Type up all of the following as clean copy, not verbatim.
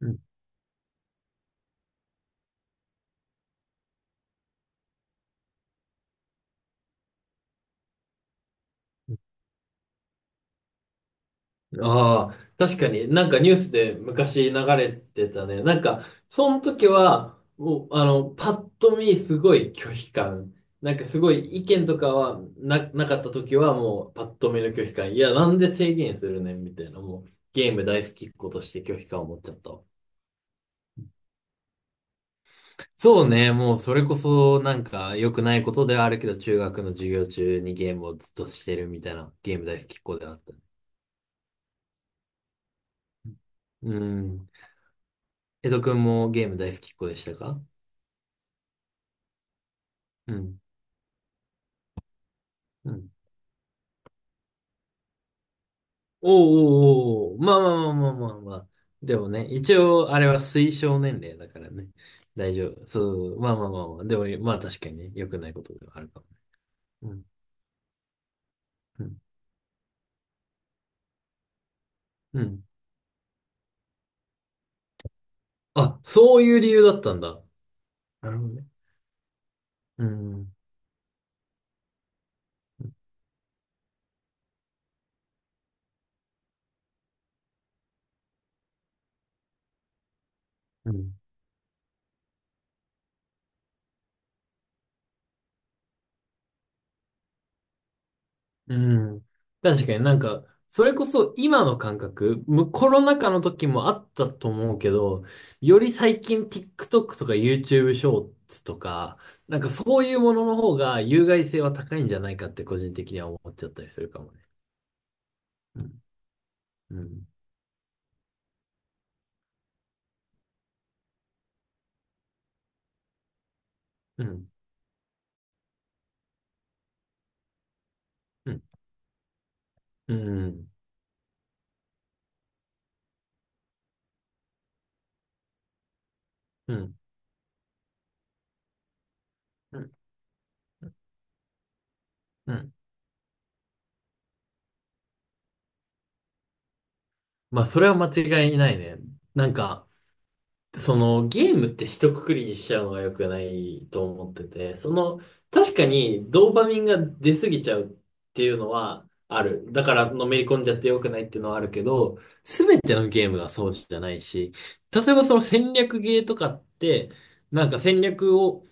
うん。ああ、確かになんかニュースで昔流れてたね。その時は、もう、あの、パッと見すごい拒否感。すごい意見とかなかった時はもうパッと見の拒否感。いや、なんで制限するねんみたいな。もう、ゲーム大好きっ子として拒否感を持っちゃったわ。そうね、もうそれこそなんか良くないことではあるけど、中学の授業中にゲームをずっとしてるみたいな、ゲーム大好きっ子ではあった。うん。江戸くんもゲーム大好きっ子でしたか？うん。うん。おーおーおー、まあまあまあまあまあまあ。でもね、一応あれは推奨年齢だからね。大丈夫。そう、まあまあまあまあ。でも、まあ確かにね、良くないことではあるかもね。うん。うん。うん。あ、そういう理由だったんだ。なるほどね。うん。うん。うん。確かにそれこそ今の感覚、コロナ禍の時もあったと思うけど、より最近 TikTok とか YouTube ショーツとか、なんかそういうものの方が有害性は高いんじゃないかって個人的には思っちゃったりするかもね。うん、うん、うん、うん、うん、うん、うん。うん、まあそれは間違いないね。なんか、そのゲームって一括りにしちゃうのが良くないと思ってて、確かにドーパミンが出過ぎちゃうっていうのはある。だからのめり込んじゃって良くないっていうのはあるけど、すべてのゲームがそうじゃないし、例えばその戦略ゲーとかって、なんか戦略を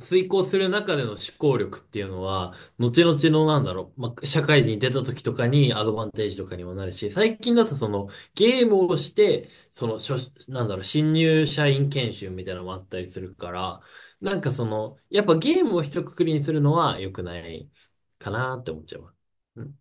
遂行する中での思考力っていうのは、後々のなんだろう、まあ、社会に出た時とかにアドバンテージとかにもなるし、最近だとそのゲームをして、その初、なんだろう、新入社員研修みたいなのもあったりするから、なんかその、やっぱゲームを一括りにするのは良くないかなって思っちゃうわ。うん。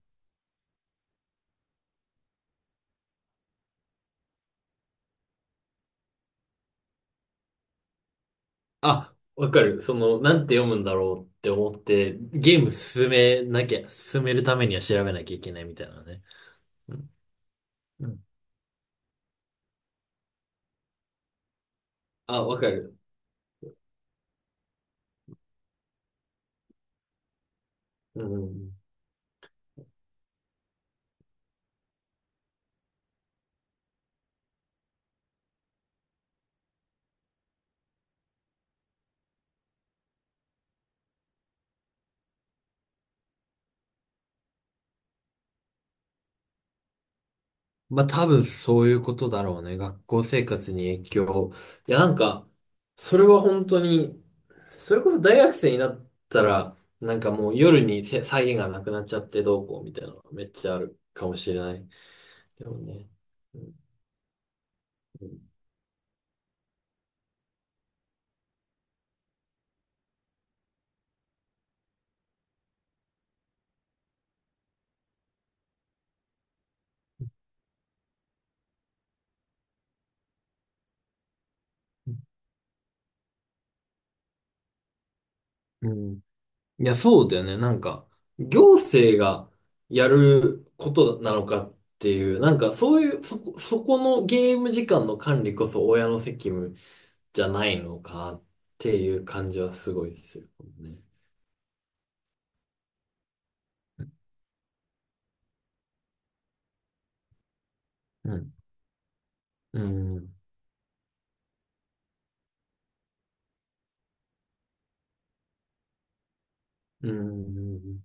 あ、わかる。その、なんて読むんだろうって思って、ゲーム進めなきゃ、進めるためには調べなきゃいけないみたいなね。うん。うん。あ、わかる。うん。まあ多分そういうことだろうね。学校生活に影響。いやなんか、それは本当に、それこそ大学生になったら、なんかもう夜に際限がなくなっちゃってどうこうみたいなのがめっちゃあるかもしれない。でもね。うん。うん。いや、そうだよね。なんか、行政がやることなのかっていう、なんかそういう、そこのゲーム時間の管理こそ親の責務じゃないのかっていう感じはすごいですよね。うん。うん。うん。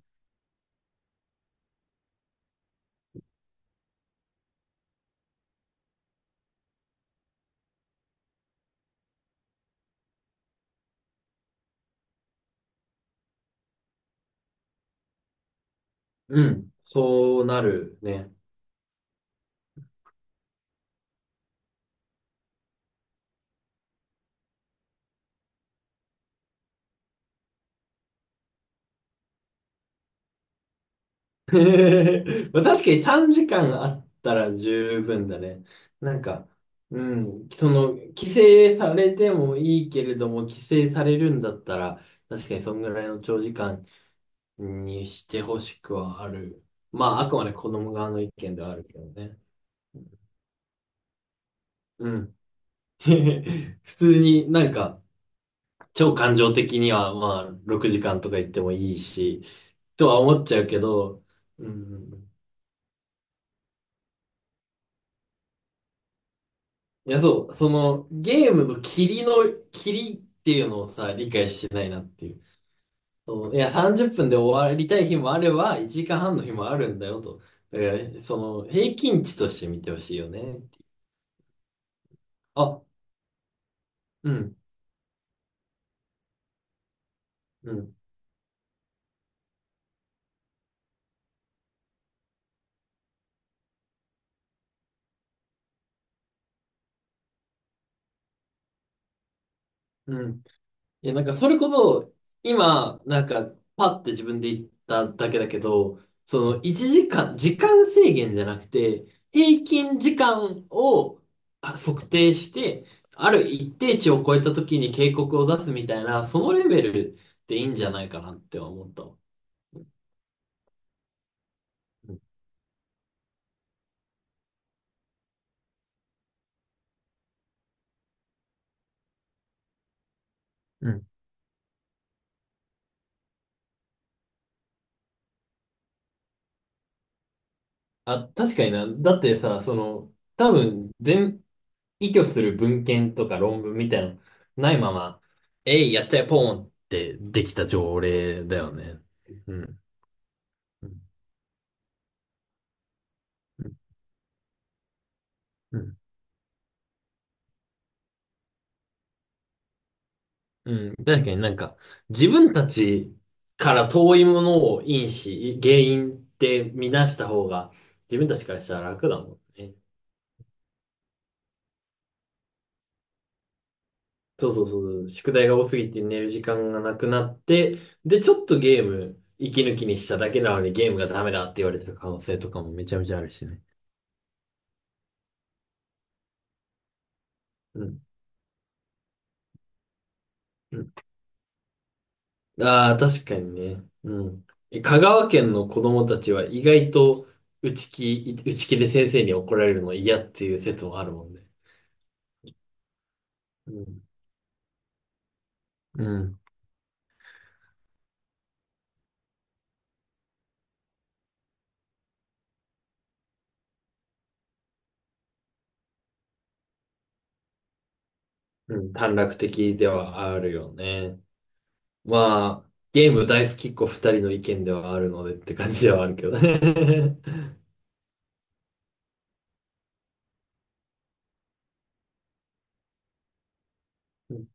うん。そうなるね。まあ確かに3時間あったら十分だね。なんか、うん、その、規制されてもいいけれども、規制されるんだったら、確かにそんぐらいの長時間にしてほしくはある。まあ、あくまで子供側の意見ではあるけどね。うん。普通になんか、超感情的には、まあ、6時間とか言ってもいいし、とは思っちゃうけど。うん。いや、そう、その、ゲームと霧の、霧っていうのをさ、理解してないなっていう。そういや、30分で終わりたい日もあれば、1時間半の日もあるんだよと。だから、その、平均値として見てほしいよね。あ、うん、うん、うん。いや、なんかそれこそ、今、なんか、パって自分で言っただけだけど、その1時間、時間制限じゃなくて、平均時間を測定して、ある一定値を超えた時に警告を出すみたいな、そのレベルでいいんじゃないかなって思ったわ。うん。うん。あ、確かにな。だってさ、その、多分、依拠する文献とか論文みたいなのないまま、えい、やっちゃえ、ポーンってできた条例だよね。うん。うん。うん。うん、確かになんか、自分たちから遠いものを原因って見出した方が、自分たちからしたら楽だもんね。そうそうそうそう。宿題が多すぎて寝る時間がなくなって、で、ちょっとゲーム、息抜きにしただけなのにゲームがダメだって言われてる可能性とかもめちゃめちゃあるしね。うん。ああ、確かにね。うん。香川県の子供たちは意外と内気で先生に怒られるの嫌っていう説もあるもんね。うん。うん。うん、短絡的ではあるよね。まあ、ゲーム大好きっ子二人の意見ではあるのでって感じではあるけどね。うん、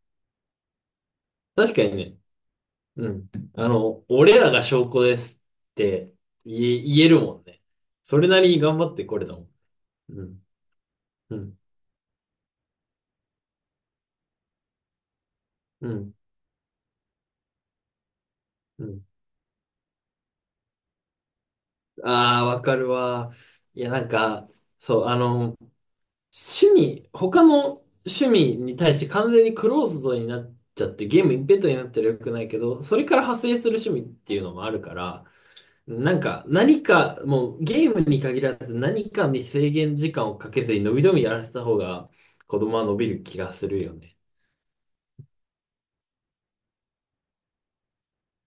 確かにね。うん。あの、俺らが証拠ですって言えるもんね。それなりに頑張ってこれたもん。うん。うん。うん。うん。ああ、わかるわ。いや、なんか、そう、あの、他の趣味に対して完全にクローズドになっちゃって、ゲーム一辺倒になったらよくないけど、それから派生する趣味っていうのもあるから、もうゲームに限らず何かに制限時間をかけずに伸び伸びやらせた方が、子供は伸びる気がするよね。